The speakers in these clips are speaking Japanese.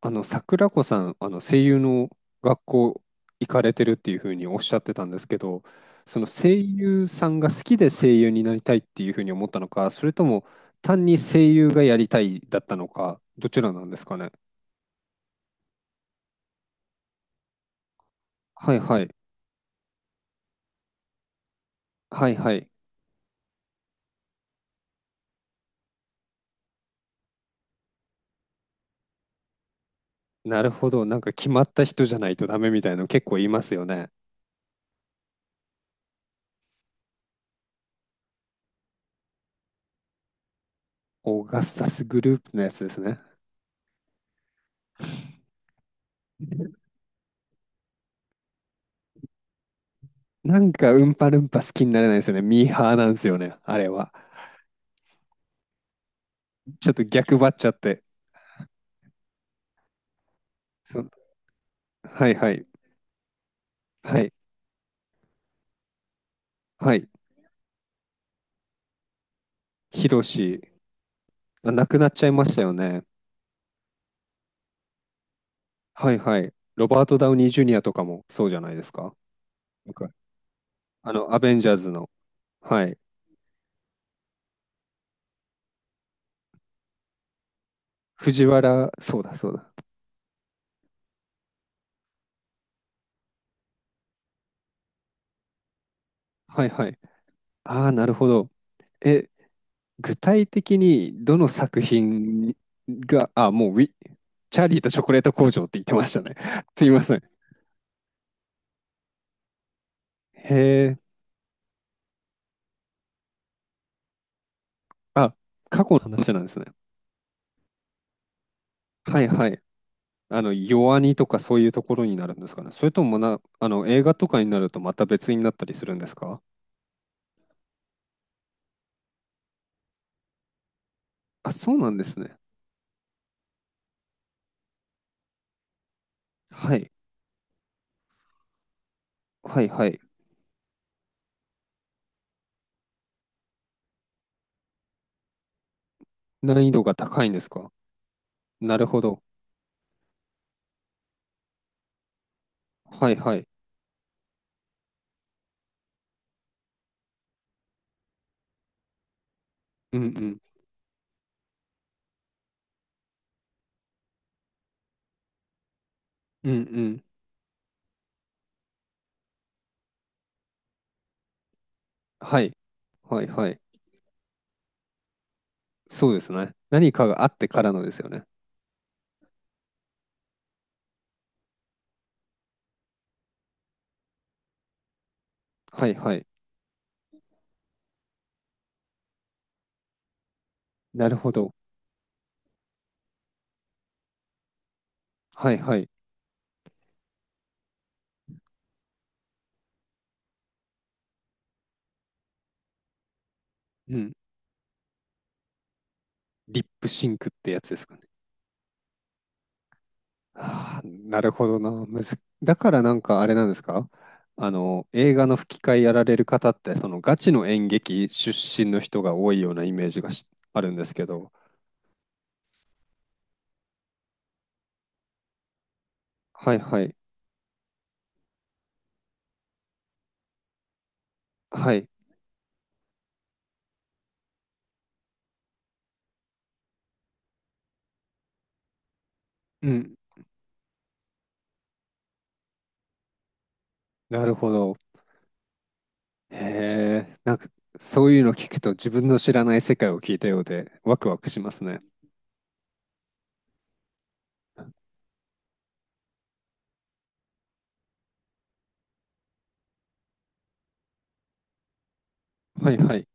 桜子さん、声優の学校行かれてるっていうふうにおっしゃってたんですけど、その声優さんが好きで声優になりたいっていうふうに思ったのか、それとも単に声優がやりたいだったのか、どちらなんですかね。はいはい。はいはい。なるほど。なんか決まった人じゃないとダメみたいなの結構言いますよね。オーガスタスグループのやつですね。なんかうんぱるんぱ好きになれないですよね。ミーハーなんですよね、あれは。ちょっと逆張っちゃって。そ、はいはい。はい、はい。ヒロシ、あ、亡くなっちゃいましたよね。はい、はい。ロバート・ダウニー・ジュニアとかもそうじゃないですか。なんかアベンジャーズの。はい。藤原、そうだ、そうだ。はい、はい。ああ、なるほど。え、具体的にどの作品が、あ、もうウィ、チャーリーとチョコレート工場って言ってましたね。すいません。へえ。あ、過去の話なんですね。はい、はい。弱にとかそういうところになるんですかね。それともな、映画とかになるとまた別になったりするんですか？あ、そうなんですね。はい。はいはい。難易度が高いんですか？なるほど。はいはい。うんうん。うんうん。はい。はいはい。そうですね。何かがあってからのですよね。はいはい。なるほど。はいはい。うん。リップシンクってやつですかね？ああ、なるほどな。むず、だからなんかあれなんですか？映画の吹き替えやられる方って、そのガチの演劇出身の人が多いようなイメージがし、あるんですけど。はいはい。はい。うん。なるほど。へえ。なんか、そういうの聞くと自分の知らない世界を聞いたようでワクワクしますね。はいはい。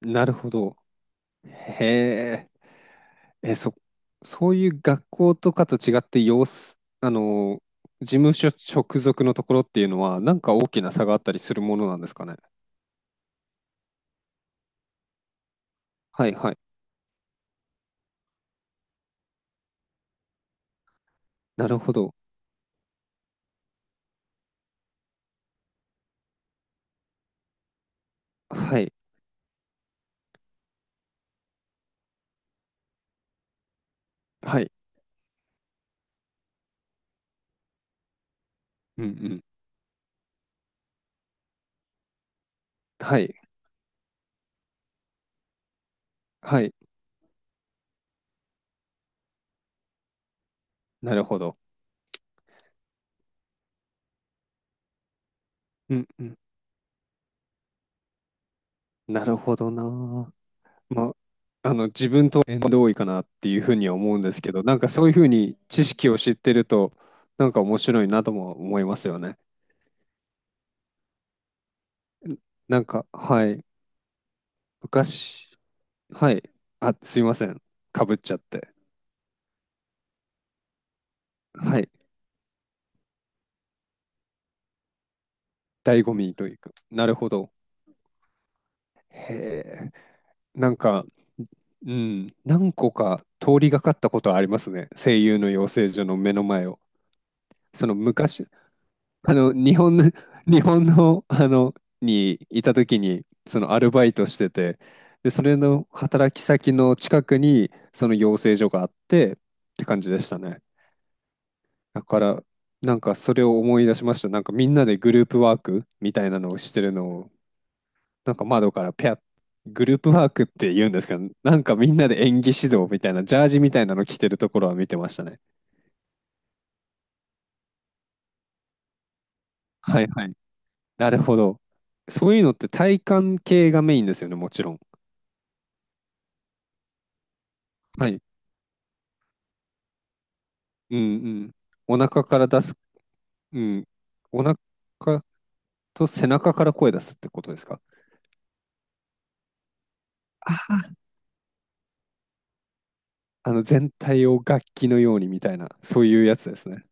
なるほど。へえ。え、そ、そういう学校とかと違って、様子、事務所直属のところっていうのは、なんか大きな差があったりするものなんですかね。はいはい。なるほど。はい。はい。うんうん。はい。はい。なるほど。うんうん。なるほどなあ。まあ、自分と縁遠いかなっていうふうには思うんですけど、なんかそういうふうに知識を知ってると、なんか面白いなとも思いますよね。なんか、はい。昔、はい。あ、すいません、かぶっちゃって。はい。醍醐味というか。なるほど。へえ。なんか、うん。何個か通りがかったことはありますね。声優の養成所の目の前を。その昔、日本の、日本の、にいた時に、そのアルバイトしてて、で、それの働き先の近くに、その養成所があって、って感じでしたね。だから、なんかそれを思い出しました。なんかみんなでグループワークみたいなのをしてるのを、なんか窓からペア、グループワークって言うんですけど、なんかみんなで演技指導みたいな、ジャージみたいなの着てるところは見てましたね。はいはい。なるほど。そういうのって体幹系がメインですよね、もちろん。はい。うんうん。お腹から出す、うん。お腹と背中から声出すってことですか？全体を楽器のようにみたいな、そういうやつですね。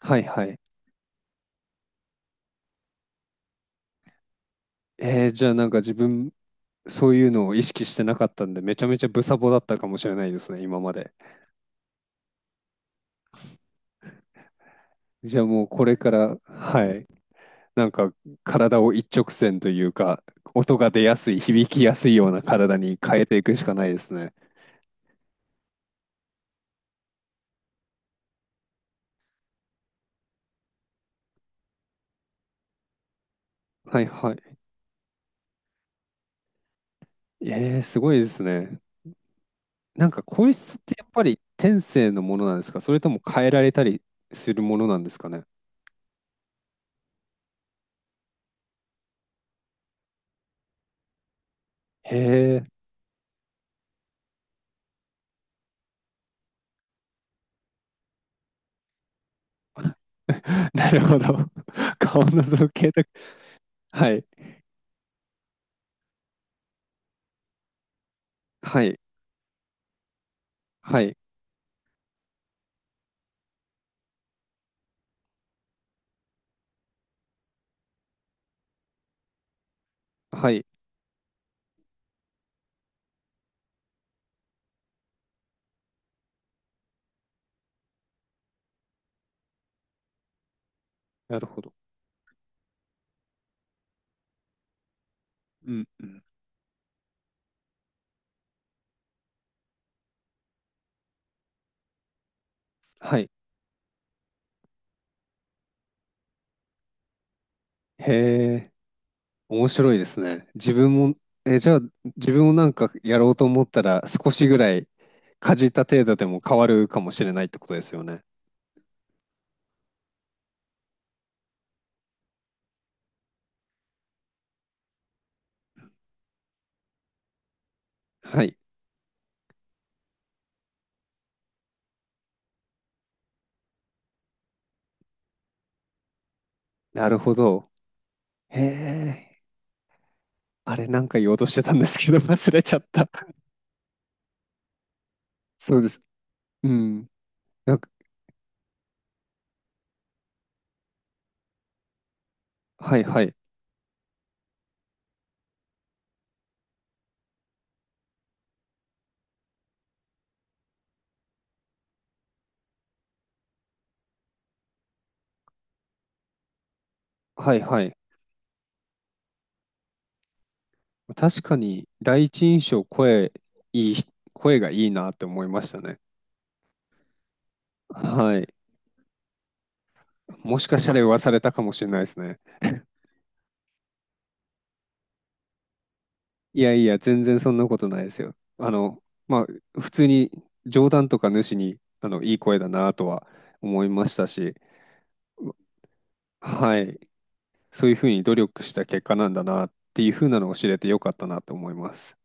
はいはい。えー、じゃあなんか自分、そういうのを意識してなかったんで、めちゃめちゃブサボだったかもしれないですね、今まで。じゃあもうこれから、はい、なんか体を一直線というか、音が出やすい、響きやすいような体に変えていくしかないですね。はいはい。えー、すごいですね。なんか声質ってやっぱり天性のものなんですか？それとも変えられたりするものなんですかね？へえ。なるほど。顔の造形とか。はい。はい。はい。はい。なるほど。うんうん。はい。へえ、面白いですね。自分も、え、じゃあ、自分もなんかやろうと思ったら、少しぐらいかじった程度でも変わるかもしれないってことですよね。はい。なるほど。へえ、あれ、なんか言おうとしてたんですけど、忘れちゃった。そうです。うん。なんか、はいはい。はいはい。確かに、第一印象、声、いい、声がいいなって思いましたね。はい。もしかしたら言わされたかもしれないですね。いやいや、全然そんなことないですよ。まあ、普通に冗談とか主に、いい声だなとは思いましたし、はい、そういうふうに努力した結果なんだなっていうふうなのを知れてよかったなと思います。